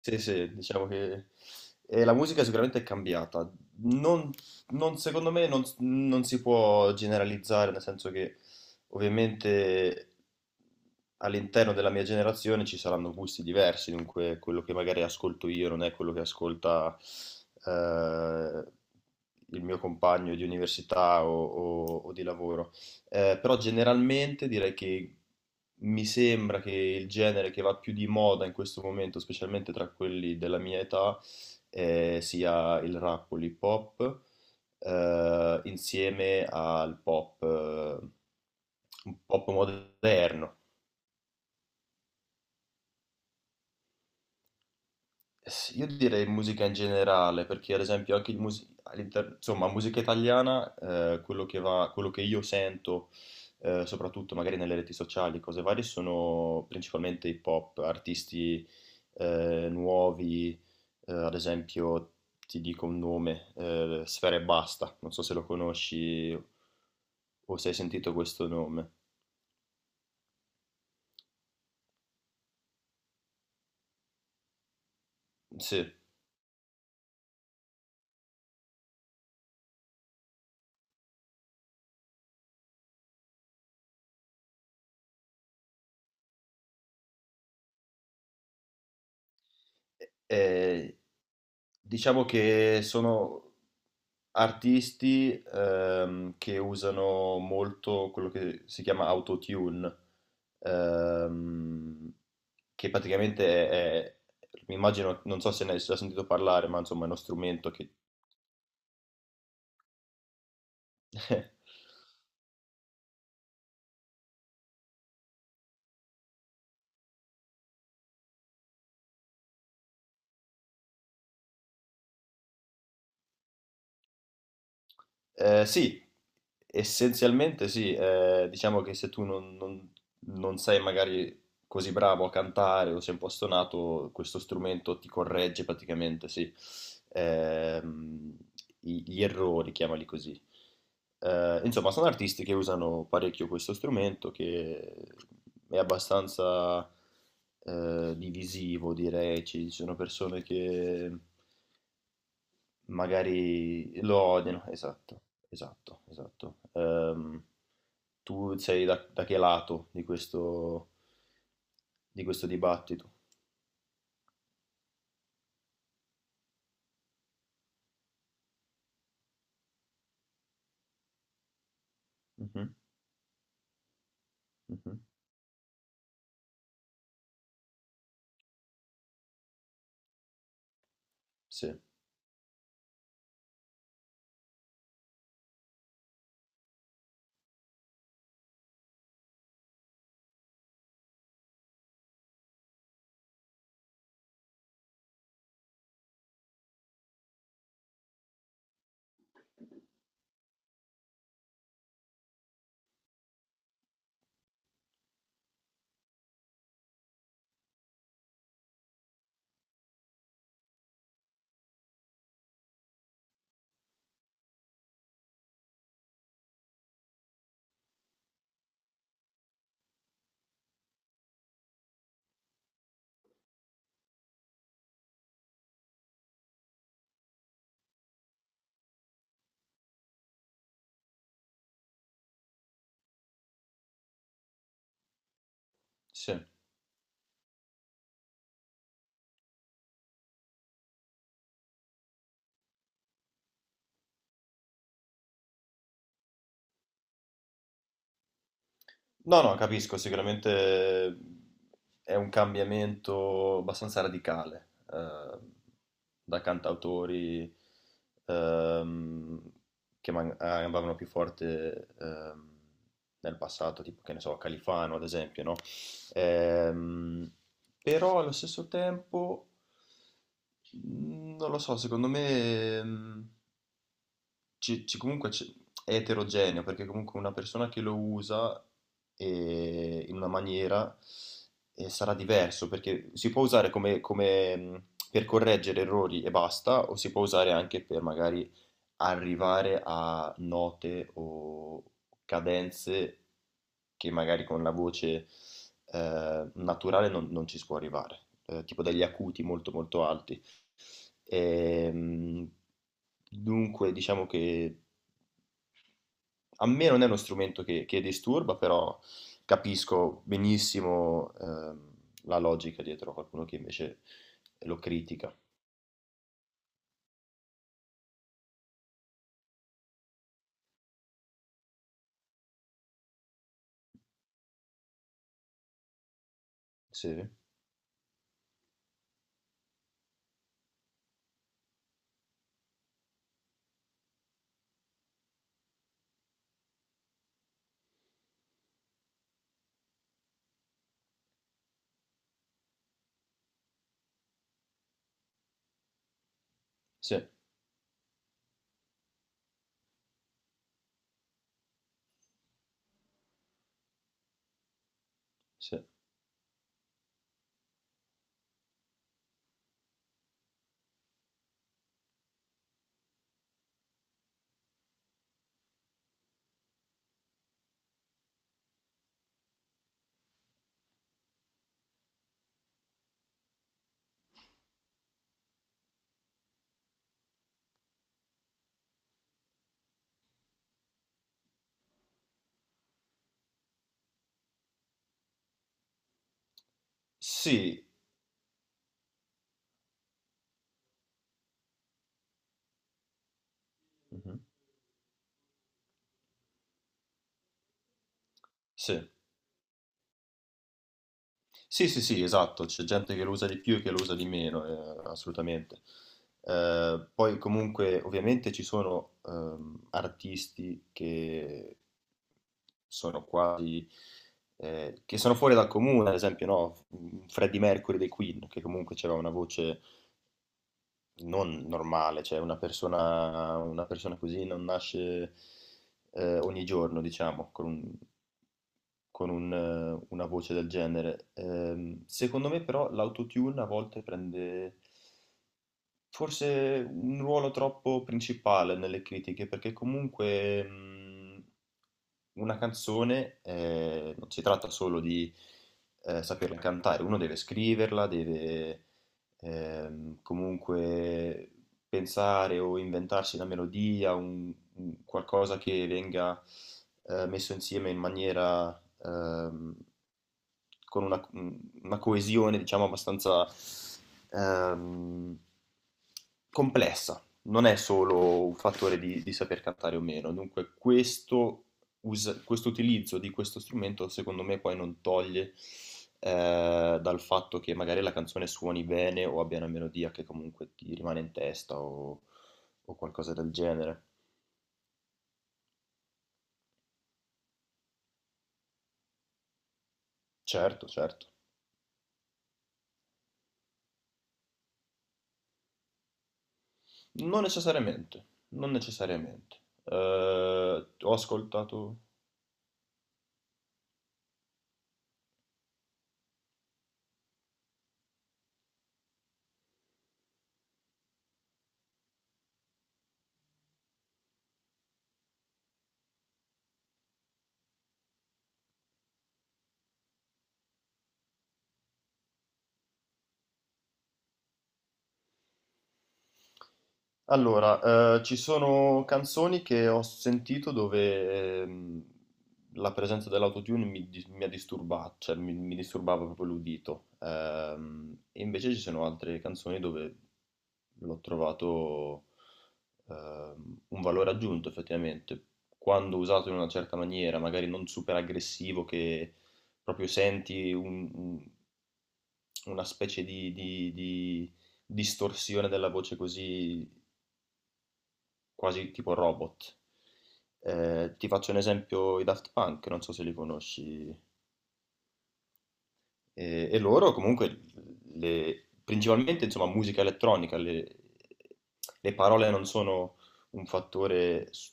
Sì, sì, diciamo che la musica sicuramente è cambiata. Non, Secondo me non si può generalizzare, nel senso che ovviamente all'interno della mia generazione ci saranno gusti diversi, dunque quello che magari ascolto io non è quello che ascolta eh, il mio compagno di università o o di lavoro. Però generalmente direi che mi sembra che il genere che va più di moda in questo momento, specialmente tra quelli della mia età, sia il rap o l'hip hop, insieme al pop, un pop moderno. Io direi musica in generale, perché ad esempio anche insomma, musica italiana, quello che io sento, soprattutto magari nelle reti sociali, cose varie, sono principalmente hip hop, artisti nuovi, ad esempio ti dico un nome, Sfera Ebbasta, non so se lo conosci o se hai sentito questo nome. Sì. Ehm, diciamo che sono artisti, che usano molto quello che si chiama autotune, ehm, che praticamente mi immagino, non so se ne hai già sentito parlare, ma insomma è uno strumento che sì, essenzialmente sì, diciamo che se tu non sei magari così bravo a cantare o sei un po' stonato, questo strumento ti corregge praticamente, sì, Ehm, gli errori, chiamali così. Insomma, sono artisti che usano parecchio questo strumento che è abbastanza divisivo, direi. Ci sono persone che magari lo odiano, esatto, esatto, esatto. Tu sei da, da che lato di di questo dibattito? Mhm, mhm. Sì, sì. No, no, capisco, sicuramente è un cambiamento abbastanza radicale da cantautori ehm, che andavano più forte nel passato, tipo, che ne so, Califano ad esempio, no? Ehm, Però allo stesso tempo, mm, non lo so, secondo me, mm, è eterogeneo perché comunque una persona che lo usa in una maniera sarà diverso perché si può usare come, per correggere errori e basta o si può usare anche per magari arrivare a note o cadenze che magari con la voce naturale non ci si può arrivare, tipo degli acuti molto molto alti. Ehm, dunque diciamo che a me non è uno strumento che disturba, però capisco benissimo la logica dietro a qualcuno che invece lo critica. Sì, sì, sì. Sì, mhm, sì. Sì, sì, sì, esatto, c'è gente che lo usa di più e che lo usa di meno, assolutamente. Poi comunque ovviamente ci sono artisti che sono quasi, che sono fuori dal comune, ad esempio no? Freddie Mercury dei Queen, che comunque aveva una voce non normale, cioè una persona così non nasce ogni giorno, diciamo, con un, una voce del genere. Secondo me però l'autotune a volte prende forse un ruolo troppo principale nelle critiche, perché comunque una canzone non si tratta solo di saperla cantare, uno deve scriverla, deve, comunque, pensare o inventarsi una melodia, un qualcosa che venga messo insieme in maniera ehm, con una coesione, diciamo, abbastanza ehm, complessa, non è solo un fattore di saper cantare o meno, dunque questo, questo utilizzo di questo strumento secondo me poi non toglie dal fatto che magari la canzone suoni bene o abbia una melodia che comunque ti rimane in testa o qualcosa del genere. Certo, certo. Non necessariamente, non necessariamente. Ho ascoltato. Allora, ci sono canzoni che ho sentito dove la presenza dell'autotune mi ha disturbato, cioè mi disturbava proprio l'udito. E invece ci sono altre canzoni dove l'ho trovato un valore aggiunto effettivamente. Quando usato in una certa maniera, magari non super aggressivo, che proprio senti una specie di distorsione della voce così quasi tipo robot. Ti faccio un esempio, i Daft Punk, non so se li conosci, e loro comunque, principalmente insomma musica elettronica, le parole non sono un fattore,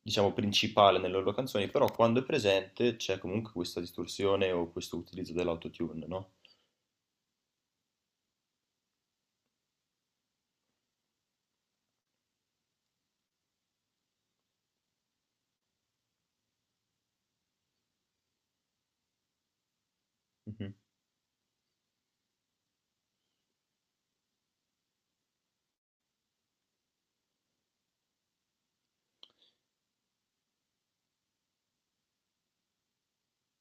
diciamo, principale nelle loro canzoni, però quando è presente c'è comunque questa distorsione o questo utilizzo dell'autotune, no? Mhm.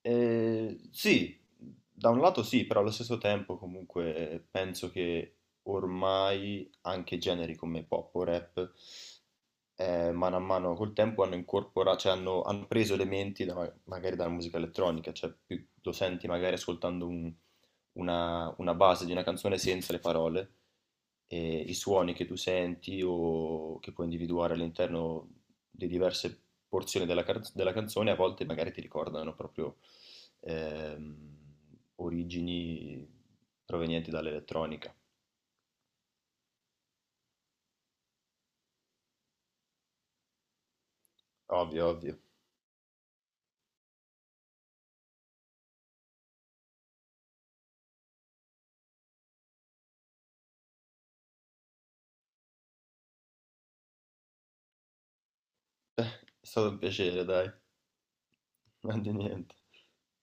Sì, da un lato sì, però allo stesso tempo comunque penso che ormai anche generi come pop o rap mano a mano col tempo hanno incorporato, cioè hanno preso elementi magari dalla musica elettronica, cioè più lo senti magari ascoltando una base di una canzone senza le parole, e i suoni che tu senti o che puoi individuare all'interno di diverse porzioni della canzone a volte magari ti ricordano proprio Ehm, origini provenienti dall'elettronica. Ovvio, ovvio. È stato un piacere, dai. Non di niente.